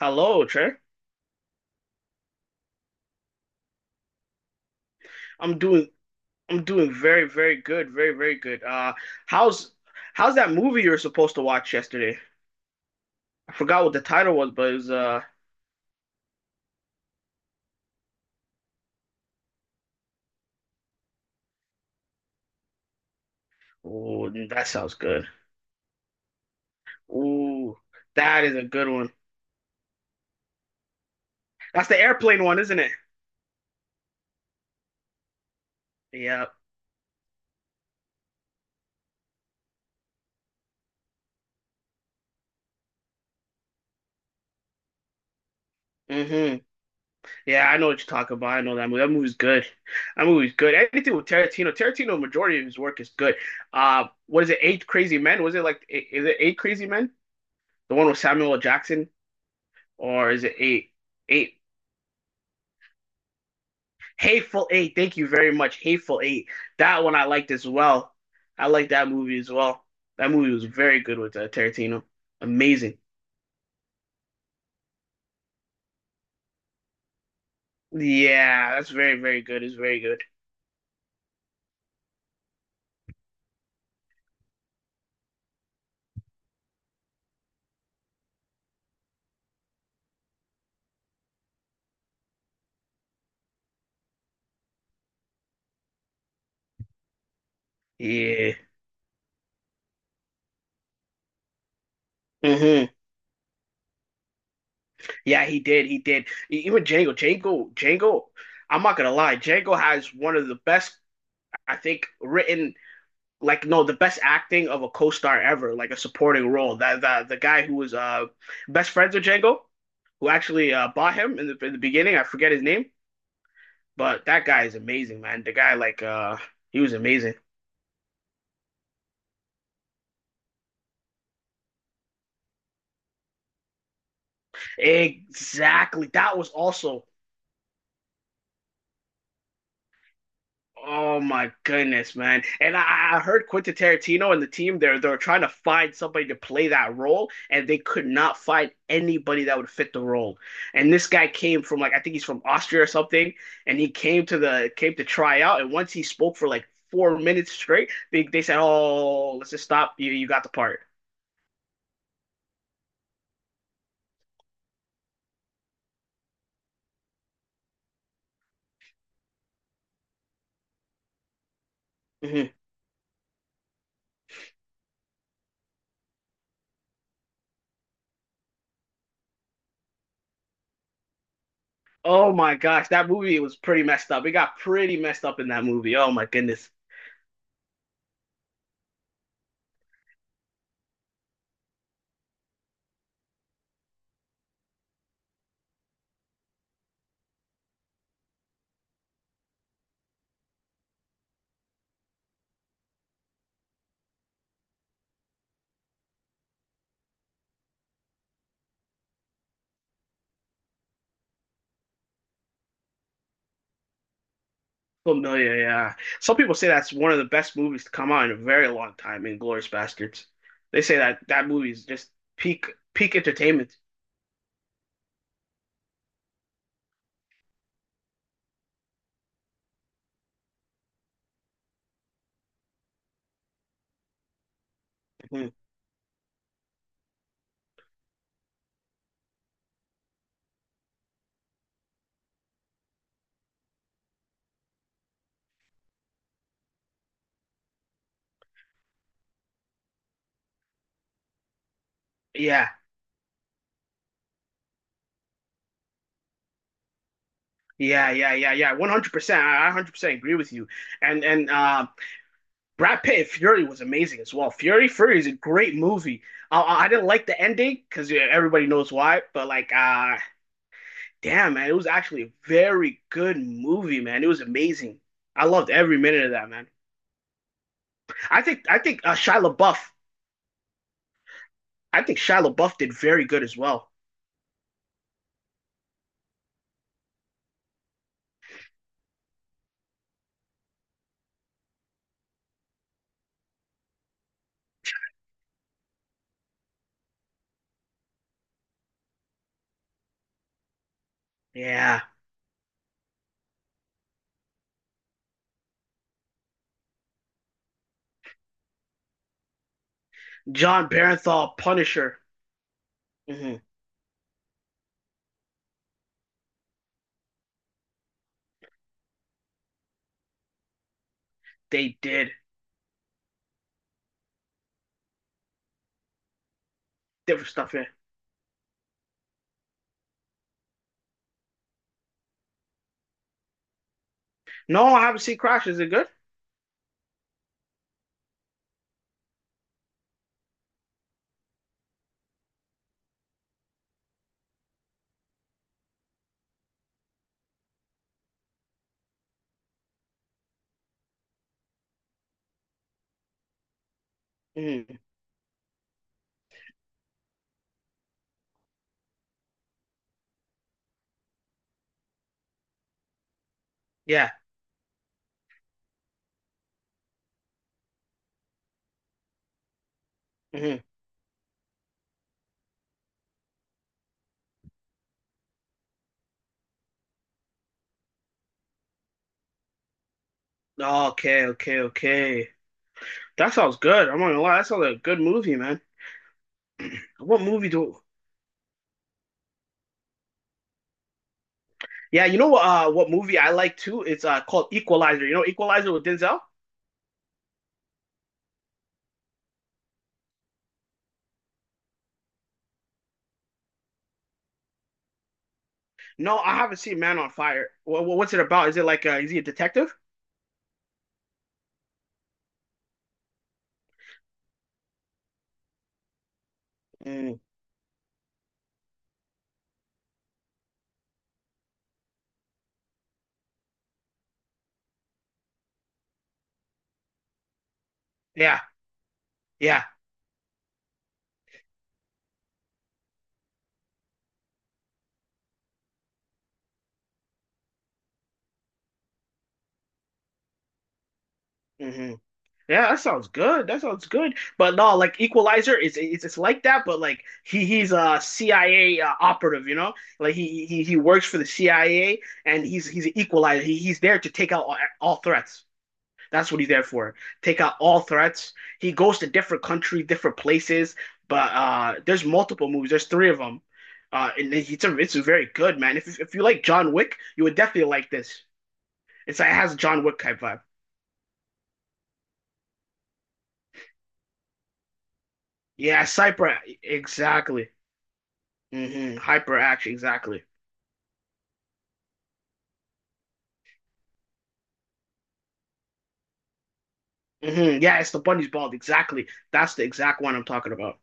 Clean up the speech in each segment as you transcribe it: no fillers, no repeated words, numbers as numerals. Hello, sir. I'm doing I'm doing very, very good, very, very good. How's how's that movie you were supposed to watch yesterday? I forgot what the title was, but it was ooh, that sounds good. Ooh, that is a good one. That's the airplane one, isn't it? Yeah. hmm Yeah, I know what you're talking about. I know that movie. That movie's good. That movie's good. Anything with Tarantino, majority of his work is good. What is it? Eight Crazy Men? Was it like, is it Eight Crazy Men? The one with Samuel L. Jackson, or is it eight? Eight. Hateful Eight. Thank you very much. Hateful Eight. That one I liked as well. I liked that movie as well. That movie was very good with Tarantino. Amazing. Yeah, that's very, very good. It's very good. Yeah. hmm Yeah, he did. Even Django. Django. Django. I'm not gonna lie. Django has one of the best, I think, written like no the best acting of a co-star ever, like a supporting role. That the guy who was best friends with Django, who actually bought him in the beginning, I forget his name, but that guy is amazing, man. The guy, like, he was amazing, exactly. That was also oh my goodness, man! And I heard Quentin Tarantino and the team, they are trying to find somebody to play that role, and they could not find anybody that would fit the role. And this guy came from, like, I think he's from Austria or something, and he came to try out. And once he spoke for like 4 minutes straight, they said, "Oh, let's just stop. You got the part." Mhm. Oh my gosh, that movie was pretty messed up. It got pretty messed up in that movie. Oh my goodness. Familiar, yeah. Some people say that's one of the best movies to come out in a very long time, Inglourious Bastards. They say that that movie is just peak peak entertainment. Mhm. Yeah, yeah, yeah, yeah, yeah. 100%. I 100% agree with you. And Brad Pitt in Fury was amazing as well. Fury, Fury is a great movie. I didn't like the ending because, yeah, everybody knows why, but, like, damn, man, it was actually a very good movie, man. It was amazing. I loved every minute of that, man. I think Shia LaBeouf I think Shia LaBeouf did very good as well. Yeah, John Barenthal, Punisher. hmm They did different stuff here. No, I haven't seen Crash. Is it good? hmm Yeah. hmm Okay, okay, okay. That sounds good. I'm not gonna lie. That sounds like a good movie, man. What movie do? Yeah, you know what? What movie I like too? It's called Equalizer. You know Equalizer with Denzel? No, I haven't seen Man on Fire. What's it about? Is it like is he a detective? Mm. Yeah, yeah. hmm Yeah, that sounds good. That sounds good. But no, like, Equalizer is it's like that, but like he's a CIA operative, you know? Like he works for the CIA and he's an equalizer. He's there to take out all threats. That's what he's there for. Take out all threats. He goes to different countries, different places, but there's multiple movies. There's three of them. And it's it's very good, man. If you like John Wick, you would definitely like this. It's like it has a John Wick type vibe. Yeah, Cypher, exactly. Hyperaction, exactly. Yeah, it's the bunny's bald, exactly. That's the exact one I'm talking about.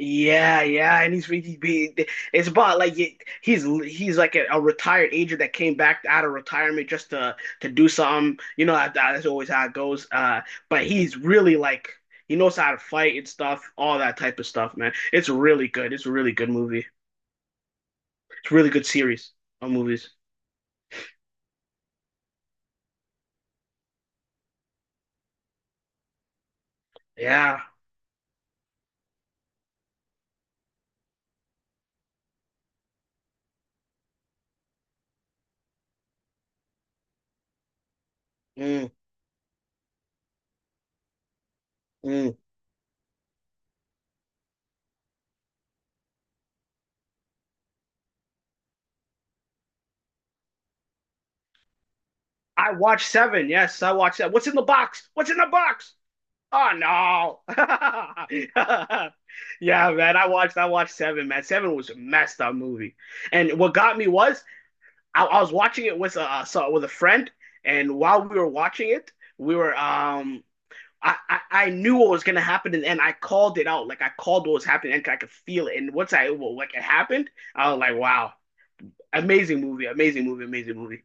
Yeah, yeah, and he's really big. It's about, like, he's like a retired agent that came back out of retirement just to do something. You know, that's always how it goes. But he's really like he knows how to fight and stuff, all that type of stuff, man. It's really good. It's a really good movie. It's a really good series of movies. Yeah. Mm, mm. I watched Seven. Yes, I watched that. What's in the box? What's in the box? Oh no. Yeah, man. I watched Seven, man. Seven was a messed up movie. And what got me was I was watching it with a so with a friend, and while we were watching it, we were I knew what was gonna happen, and I called it out. Like, I called what was happening and I could feel it. And once I well, like, it happened, I was like, wow, amazing movie, amazing movie, amazing movie.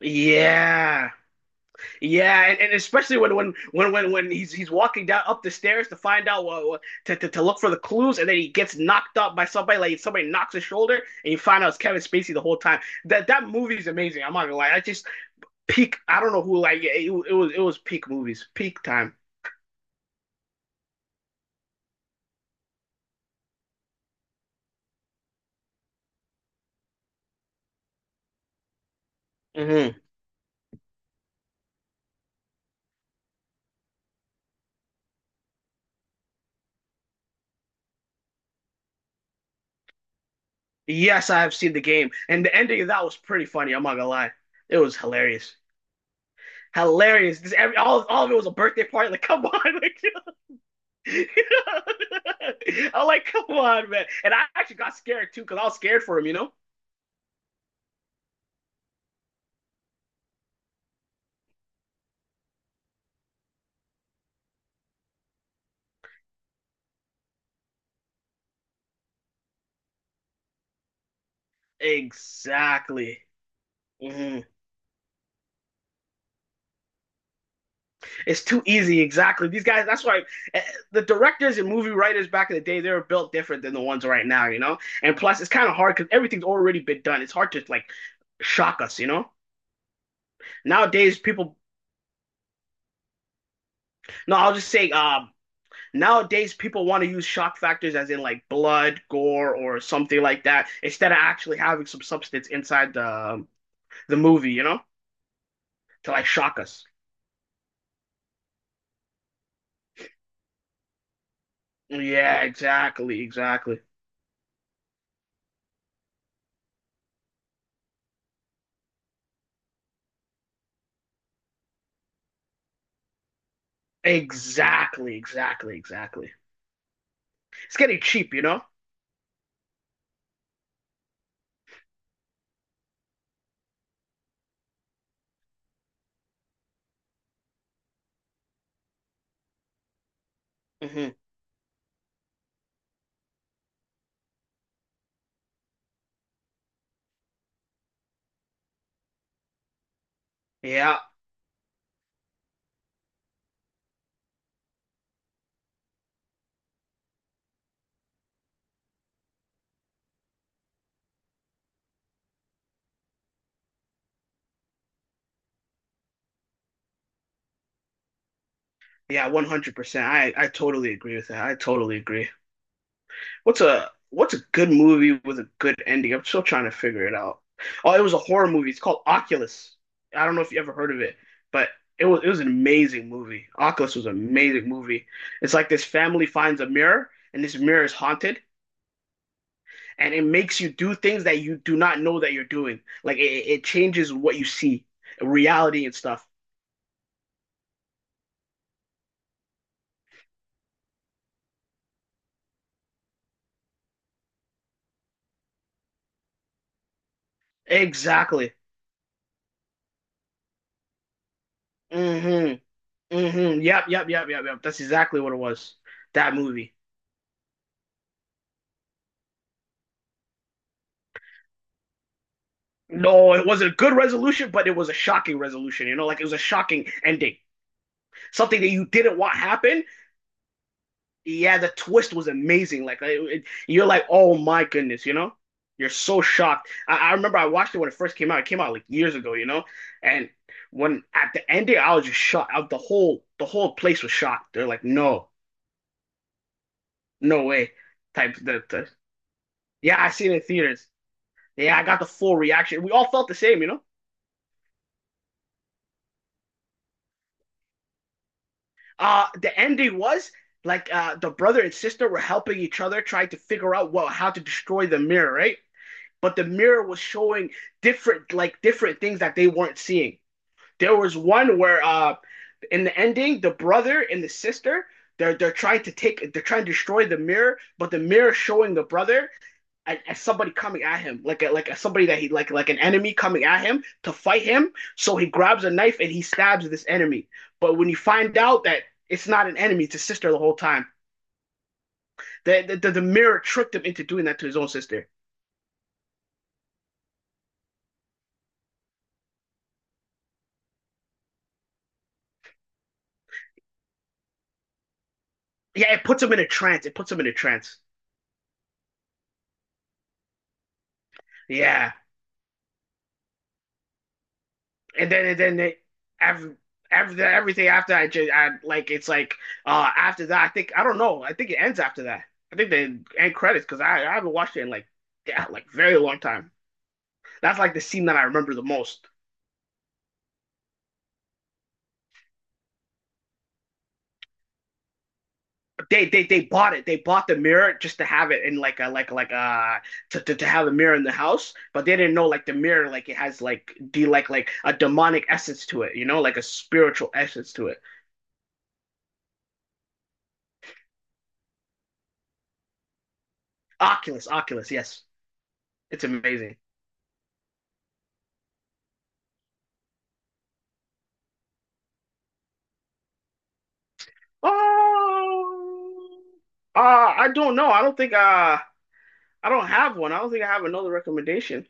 Yeah. Yeah, and especially when when he's walking down up the stairs to find out what, to look for the clues, and then he gets knocked up by somebody, like somebody knocks his shoulder, and you find out it's Kevin Spacey the whole time. That that movie is amazing. I'm not gonna lie, I just peak. I don't know who like it, it was peak movies, peak time. hmm Yes, I have seen the game, and the ending of that was pretty funny. I'm not gonna lie, it was hilarious, hilarious. This every all of it was a birthday party. Like, come on, like, I'm like, come on, man. And I actually got scared too because I was scared for him, you know? Exactly. Mhm. It's too easy. Exactly. These guys, that's why eh, the directors and movie writers back in the day, they were built different than the ones right now, you know? And plus, it's kind of hard because everything's already been done. It's hard to, like, shock us, you know? Nowadays, people, no, I'll just say, nowadays, people want to use shock factors as in like blood, gore, or something like that instead of actually having some substance inside um, the movie, you know, to like shock us. Yeah, exactly, exactly, exactly, exactly, exactly. It's getting cheap, you know. hmm Yeah, yeah, 100%. I totally agree with that. I totally agree. What's a good movie with a good ending? I'm still trying to figure it out. Oh, it was a horror movie. It's called Oculus. I don't know if you ever heard of it, but it was an amazing movie. Oculus was an amazing movie. It's like this family finds a mirror, and this mirror is haunted, and it makes you do things that you do not know that you're doing. Like, it changes what you see, reality and stuff. Exactly. hmm Yep, yep, yep, yep, yep. That's exactly what it was. That movie. No, it wasn't a good resolution, but it was a shocking resolution, you know, like, it was a shocking ending. Something that you didn't want happen. Yeah, the twist was amazing. Like, you're like, oh my goodness, you know, you're so shocked. I remember I watched it when it first came out. It came out like years ago, you know, and when at the end there, I was just shocked. I, the whole place was shocked. They're like, no, no way, type. The Yeah, I seen it in theaters. Yeah, I got the full reaction. We all felt the same, you know. Uh, the ending was like, the brother and sister were helping each other, trying to figure out what how to destroy the mirror, right? But the mirror was showing different, like, different things that they weren't seeing. There was one where in the ending, the brother and the sister, they're trying to take they're trying to destroy the mirror, but the mirror showing the brother as, somebody coming at him, like a, somebody that he like an enemy coming at him to fight him. So he grabs a knife and he stabs this enemy. But when you find out that it's not an enemy, it's a sister the whole time. The mirror tricked him into doing that to his own sister. Yeah, it puts him in a trance. It puts him in a trance. Yeah, and then it, every, everything after I just I like it's like after that I think I don't know I think it ends after that, I think the end credits, because I haven't watched it in like yeah like very long time. That's like the scene that I remember the most. They bought it. They bought the mirror just to have it in like a like to, to have a mirror in the house, but they didn't know like the mirror like it has like de like a demonic essence to it, you know, like a spiritual essence to it. Oculus, Oculus, yes, it's amazing. Oh, I don't know. I don't think I don't have one. I don't think I have another recommendation.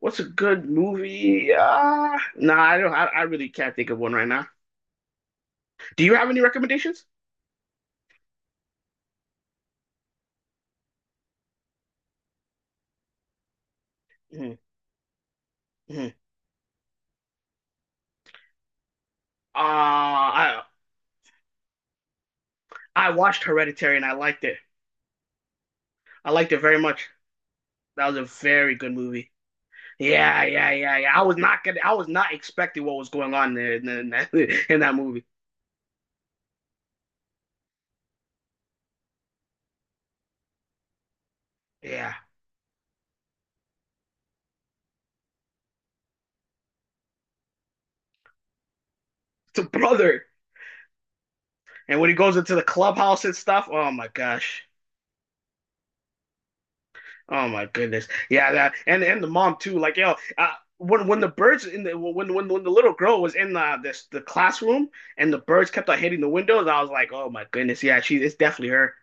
What's a good movie? Nah, I don't. I really can't think of one right now. Do you have any recommendations? hmm hmm Uh, I I watched Hereditary and I liked it. I liked it very much. That was a very good movie. Yeah, yeah, yeah, yeah. I was not gonna. I was not expecting what was going on there in that in that movie. Yeah, it's a brother, and when he goes into the clubhouse and stuff, oh my gosh. Oh my goodness. Yeah, that and the mom too. Like, yo, when the birds in the when when the little girl was in the this the classroom and the birds kept on hitting the windows, I was like, oh my goodness, yeah, she it's definitely her.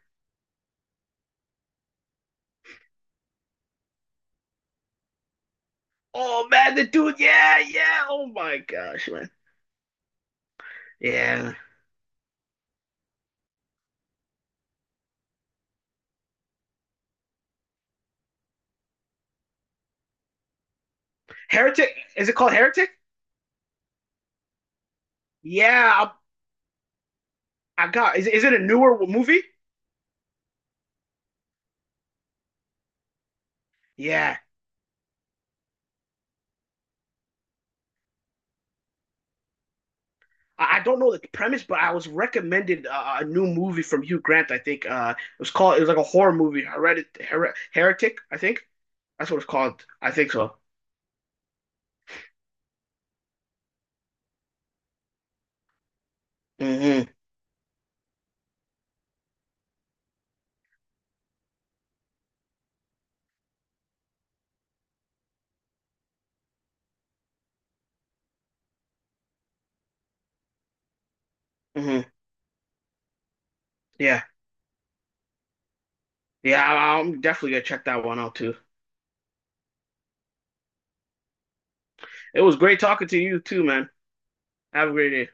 Oh man, the dude, yeah, yeah. Oh my gosh, man. Yeah. Heretic, is it called Heretic? Yeah, I got. Is it a newer movie? Yeah. I don't know the premise, but I was recommended a new movie from Hugh Grant. I think it was called. It was like a horror movie, Heredit, Her Heretic, I think. That's what it's called. I think so. hmm hmm Yeah. Yeah, I'm definitely gonna check that one out too. It was great talking to you too, man. Have a great day.